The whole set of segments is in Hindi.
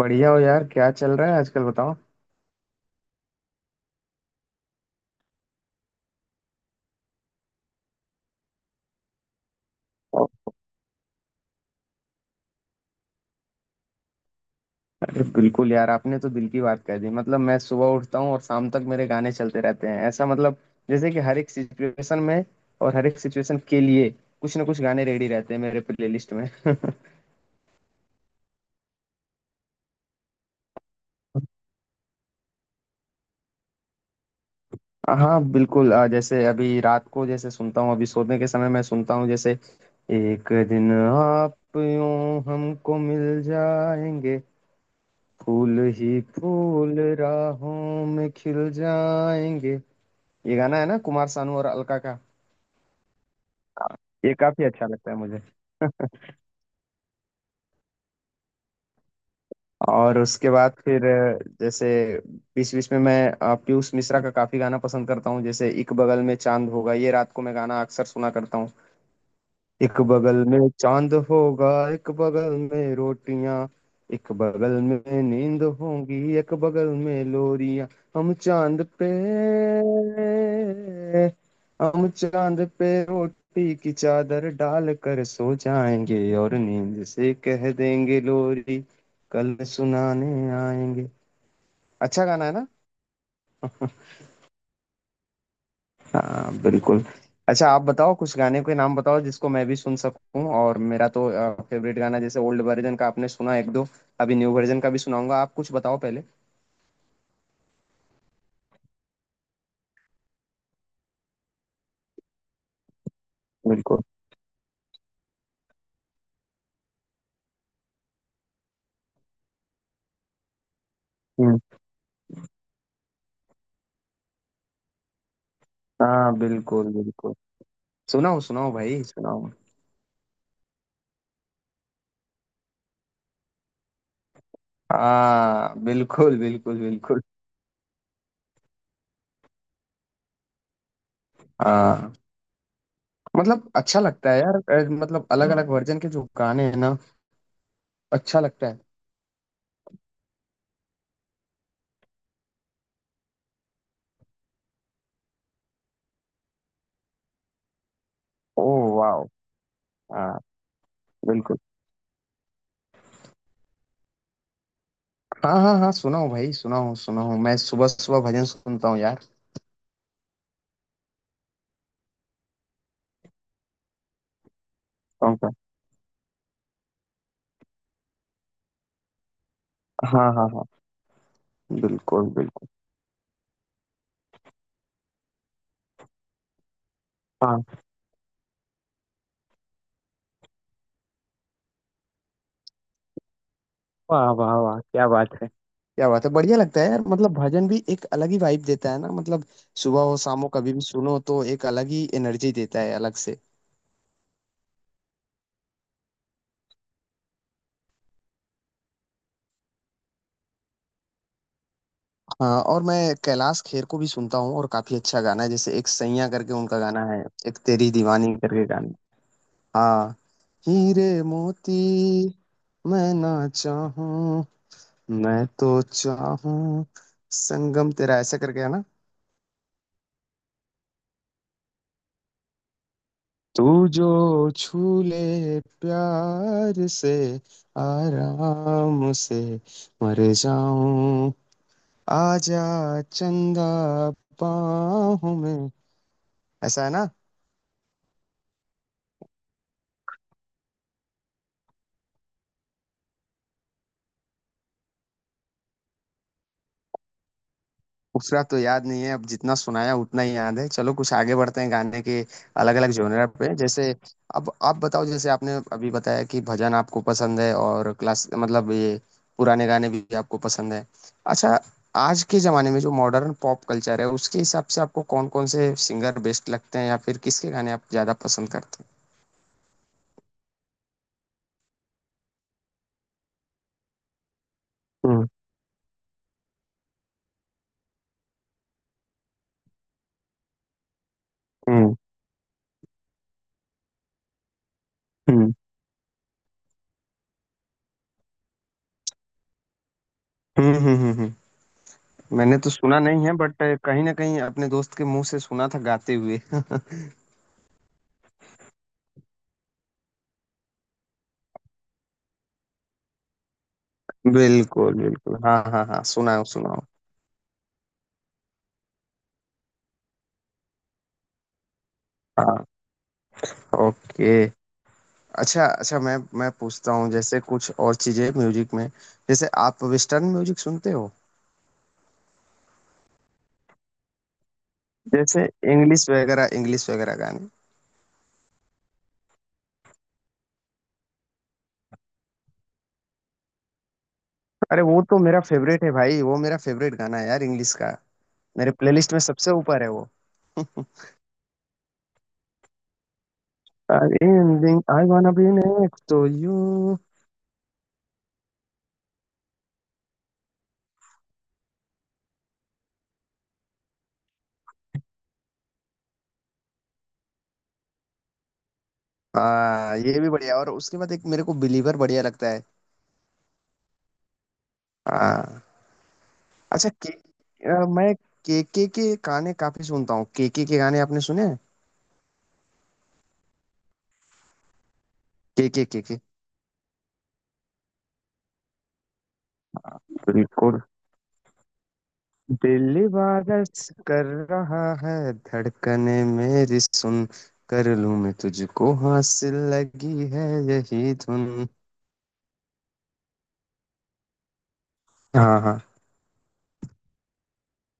बढ़िया हो यार, क्या चल रहा है आजकल बताओ। अरे बिल्कुल यार, आपने तो दिल की बात कह दी। मतलब मैं सुबह उठता हूँ और शाम तक मेरे गाने चलते रहते हैं, ऐसा मतलब जैसे कि हर एक सिचुएशन में और हर एक सिचुएशन के लिए कुछ ना कुछ गाने रेडी रहते हैं मेरे प्लेलिस्ट में। हाँ बिल्कुल। जैसे अभी रात को, जैसे सुनता हूँ अभी सोने के समय मैं सुनता हूँ, जैसे एक दिन आप यूं हमको मिल जाएंगे, फूल ही फूल राहों में खिल जाएंगे। ये गाना है ना, कुमार सानू और अलका का। ये काफी अच्छा लगता है मुझे। और उसके बाद फिर जैसे बीच बीच में मैं पीयूष मिश्रा का काफी गाना पसंद करता हूँ। जैसे एक बगल में चांद होगा, ये रात को मैं गाना अक्सर सुना करता हूँ। एक बगल में चांद होगा, एक बगल में रोटियां, एक बगल में नींद होगी, एक बगल में लोरियां। हम चांद पे, हम चांद पे रोटी की चादर डाल कर सो जाएंगे, और नींद से कह देंगे लोरी कल सुनाने आएंगे। अच्छा गाना है ना। हाँ बिल्कुल। अच्छा आप बताओ, कुछ गाने के नाम बताओ जिसको मैं भी सुन सकूं। और मेरा तो फेवरेट गाना, जैसे ओल्ड वर्जन का आपने सुना एक दो। अभी न्यू वर्जन का भी सुनाऊंगा, आप कुछ बताओ पहले। बिल्कुल। हम्म, हाँ बिल्कुल बिल्कुल। सुनाओ सुनाओ भाई, सुनाओ। हाँ बिल्कुल बिल्कुल बिल्कुल। हाँ, मतलब अच्छा लगता है यार। मतलब अलग अलग वर्जन के जो गाने हैं ना, अच्छा लगता है। ओ, वाओ। हाँ बिल्कुल। हाँ हाँ हाँ, सुनाओ भाई सुनाओ सुनाओ। मैं सुबह सुबह भजन सुनता हूँ यार। हाँ हाँ हाँ। बिल्कुल बिल्कुल। हाँ। वाह वाह वाह, क्या बात है, क्या बात है। बढ़िया लगता है यार, मतलब भजन भी एक अलग ही वाइब देता है ना, मतलब सुबह हो शाम हो कभी भी सुनो तो एक अलग ही एनर्जी देता है अलग से। हाँ, और मैं कैलाश खेर को भी सुनता हूँ, और काफी अच्छा गाना है, जैसे एक सैयां करके उनका गाना है, एक तेरी दीवानी करके गाना। हाँ, हीरे मोती। मैं ना चाहूं, मैं तो चाहूं, संगम तेरा, ऐसा करके है ना। तू जो छू ले प्यार से, आराम से मर जाऊं, आजा चंदा बाहों में, ऐसा है ना। उतना तो याद नहीं है अब, जितना सुनाया उतना ही याद है। चलो कुछ आगे बढ़ते हैं गाने के अलग अलग जोनर पे। जैसे अब आप बताओ, जैसे आपने अभी बताया कि भजन आपको पसंद है, और क्लास मतलब ये पुराने गाने भी आपको पसंद है। अच्छा, आज के जमाने में जो मॉडर्न पॉप कल्चर है, उसके हिसाब से आपको कौन कौन से सिंगर बेस्ट लगते हैं, या फिर किसके गाने आप ज्यादा पसंद करते हैं। हम्म हम्म हम्म, हम्म हम्म हम्म, हम्म। मैंने तो सुना नहीं है, बट कहीं ना कहीं अपने दोस्त के मुंह से सुना था गाते हुए। बिल्कुल बिल्कुल। हाँ हाँ हाँ, सुनाओ सुनाओ। हाँ, ओके। अच्छा अच्छा, मैं पूछता हूँ जैसे कुछ और चीजें म्यूजिक में। जैसे आप वेस्टर्न म्यूजिक सुनते हो। जैसे इंग्लिश वगैरह, इंग्लिश वगैरह गाने। अरे वो तो मेरा फेवरेट है भाई, वो मेरा फेवरेट गाना है यार इंग्लिश का। मेरे प्लेलिस्ट में सबसे ऊपर है वो। आई wanna be next to you. हाँ, ये भी बढ़िया। और उसके बाद एक मेरे को बिलीवर बढ़िया लगता है। हाँ। अच्छा, के मैं केके के गाने काफी सुनता हूँ। केके के गाने आपने सुने हैं। केके, के के। बिल्कुल। दिल इबादत कर रहा है, धड़कने मेरी सुन, कर लूं मैं तुझको हासिल, लगी है यही धुन। हाँ हाँ।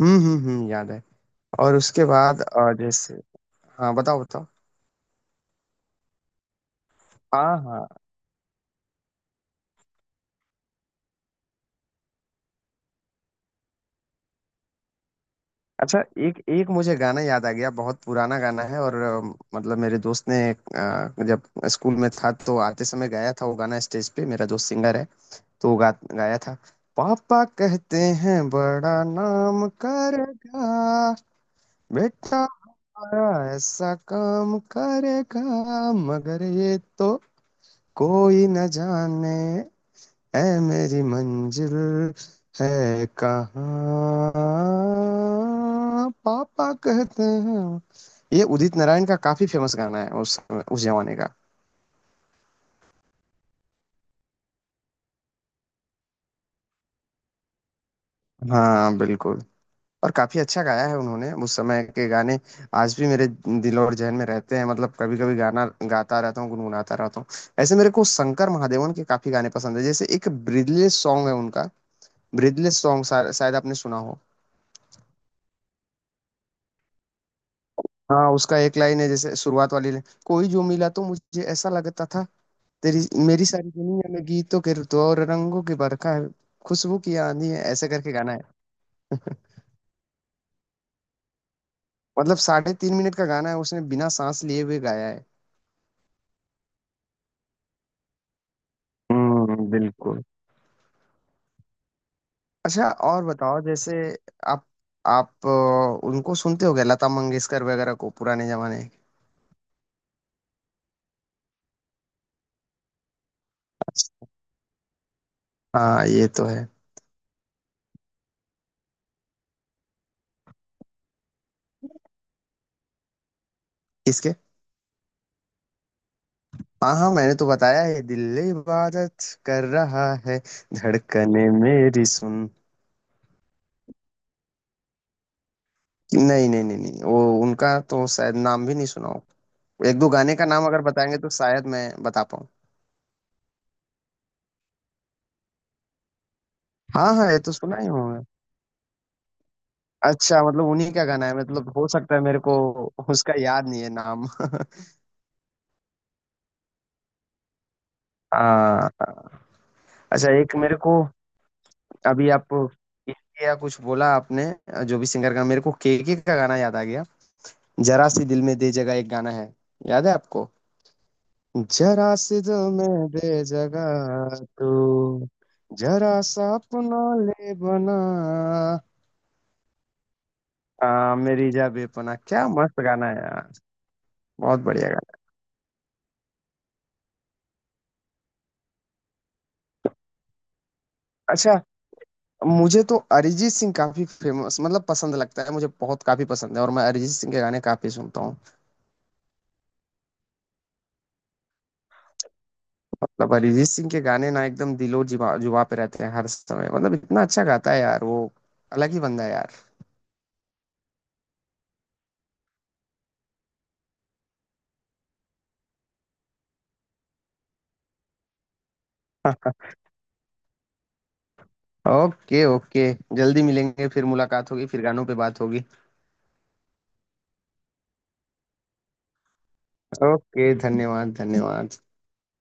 हम्म, याद है। और उसके बाद जैसे, हाँ बताओ बताओ। हाँ हाँ। अच्छा, एक एक मुझे गाना याद आ गया, बहुत पुराना गाना है। और मतलब मेरे दोस्त ने जब स्कूल में था तो आते समय गाया था वो गाना स्टेज पे। मेरा दोस्त सिंगर है, तो वो गाया था। पापा कहते हैं बड़ा नाम करेगा, बेटा बड़ा ऐसा काम करेगा, मगर ये तो कोई न जाने, ऐ मेरी मंजिल है कहाँ, पापा कहते हैं। ये उदित नारायण का काफी फेमस गाना है उस जमाने का। हाँ बिल्कुल। और काफी अच्छा गाया है उन्होंने। उस समय के गाने आज भी मेरे दिल और जहन में रहते हैं। मतलब कभी कभी गाना गाता रहता हूँ, गुनगुनाता रहता हूँ। ऐसे मेरे को शंकर महादेवन के काफी गाने पसंद है। जैसे एक ब्रीदलेस सॉन्ग है उनका, ब्रीदलेस सॉन्ग, शायद आपने सुना हो। हाँ, उसका एक लाइन है, जैसे शुरुआत वाली लाइन, कोई जो मिला तो मुझे ऐसा लगता था, तेरी मेरी सारी दुनिया में गीतों के ऋतु और रंगों की बरखा है, खुशबू की आंधी है, ऐसे करके गाना है। मतलब 3.5 मिनट का गाना है, उसने बिना सांस लिए हुए गाया है। बिल्कुल। अच्छा, और बताओ जैसे, आप आप उनको सुनते हो गए, लता मंगेशकर वगैरह को, पुराने जमाने। हाँ ये तो है। किसके। हाँ हाँ, मैंने तो बताया है, दिल इबादत कर रहा है, धड़कने मेरी सुन। नहीं नहीं नहीं नहीं, वो, उनका तो शायद नाम भी नहीं सुना हो। एक दो गाने का नाम अगर बताएंगे तो शायद मैं बता पाऊँ। हाँ हाँ ये तो सुना ही होगा। अच्छा, मतलब उन्हीं का गाना है, मतलब हो सकता है। मेरे को उसका याद नहीं है नाम। हाँ। अच्छा, एक मेरे को, अभी आप इसके या कुछ बोला आपने, जो भी सिंगर का, मेरे को केके का गाना याद आ गया। जरा सी दिल में दे जगह, एक गाना है, याद है आपको। जरा सी दिल में दे जगह तू, जरा सा अपना ले बना। मेरी जा बेपना, क्या मस्त गाना है यार। बहुत बढ़िया गाना। अच्छा, मुझे तो अरिजीत सिंह काफी फेमस मतलब पसंद लगता है, मुझे बहुत काफी पसंद है, और मैं अरिजीत सिंह के गाने काफी सुनता हूँ। मतलब अरिजीत सिंह के गाने ना एकदम दिलो जुबा जुबा पे रहते हैं हर समय। मतलब इतना अच्छा गाता है यार वो, अलग ही बंदा है यार। Okay okay. जल्दी मिलेंगे, फिर मुलाकात होगी, फिर गानों पे बात होगी। ओके, धन्यवाद धन्यवाद।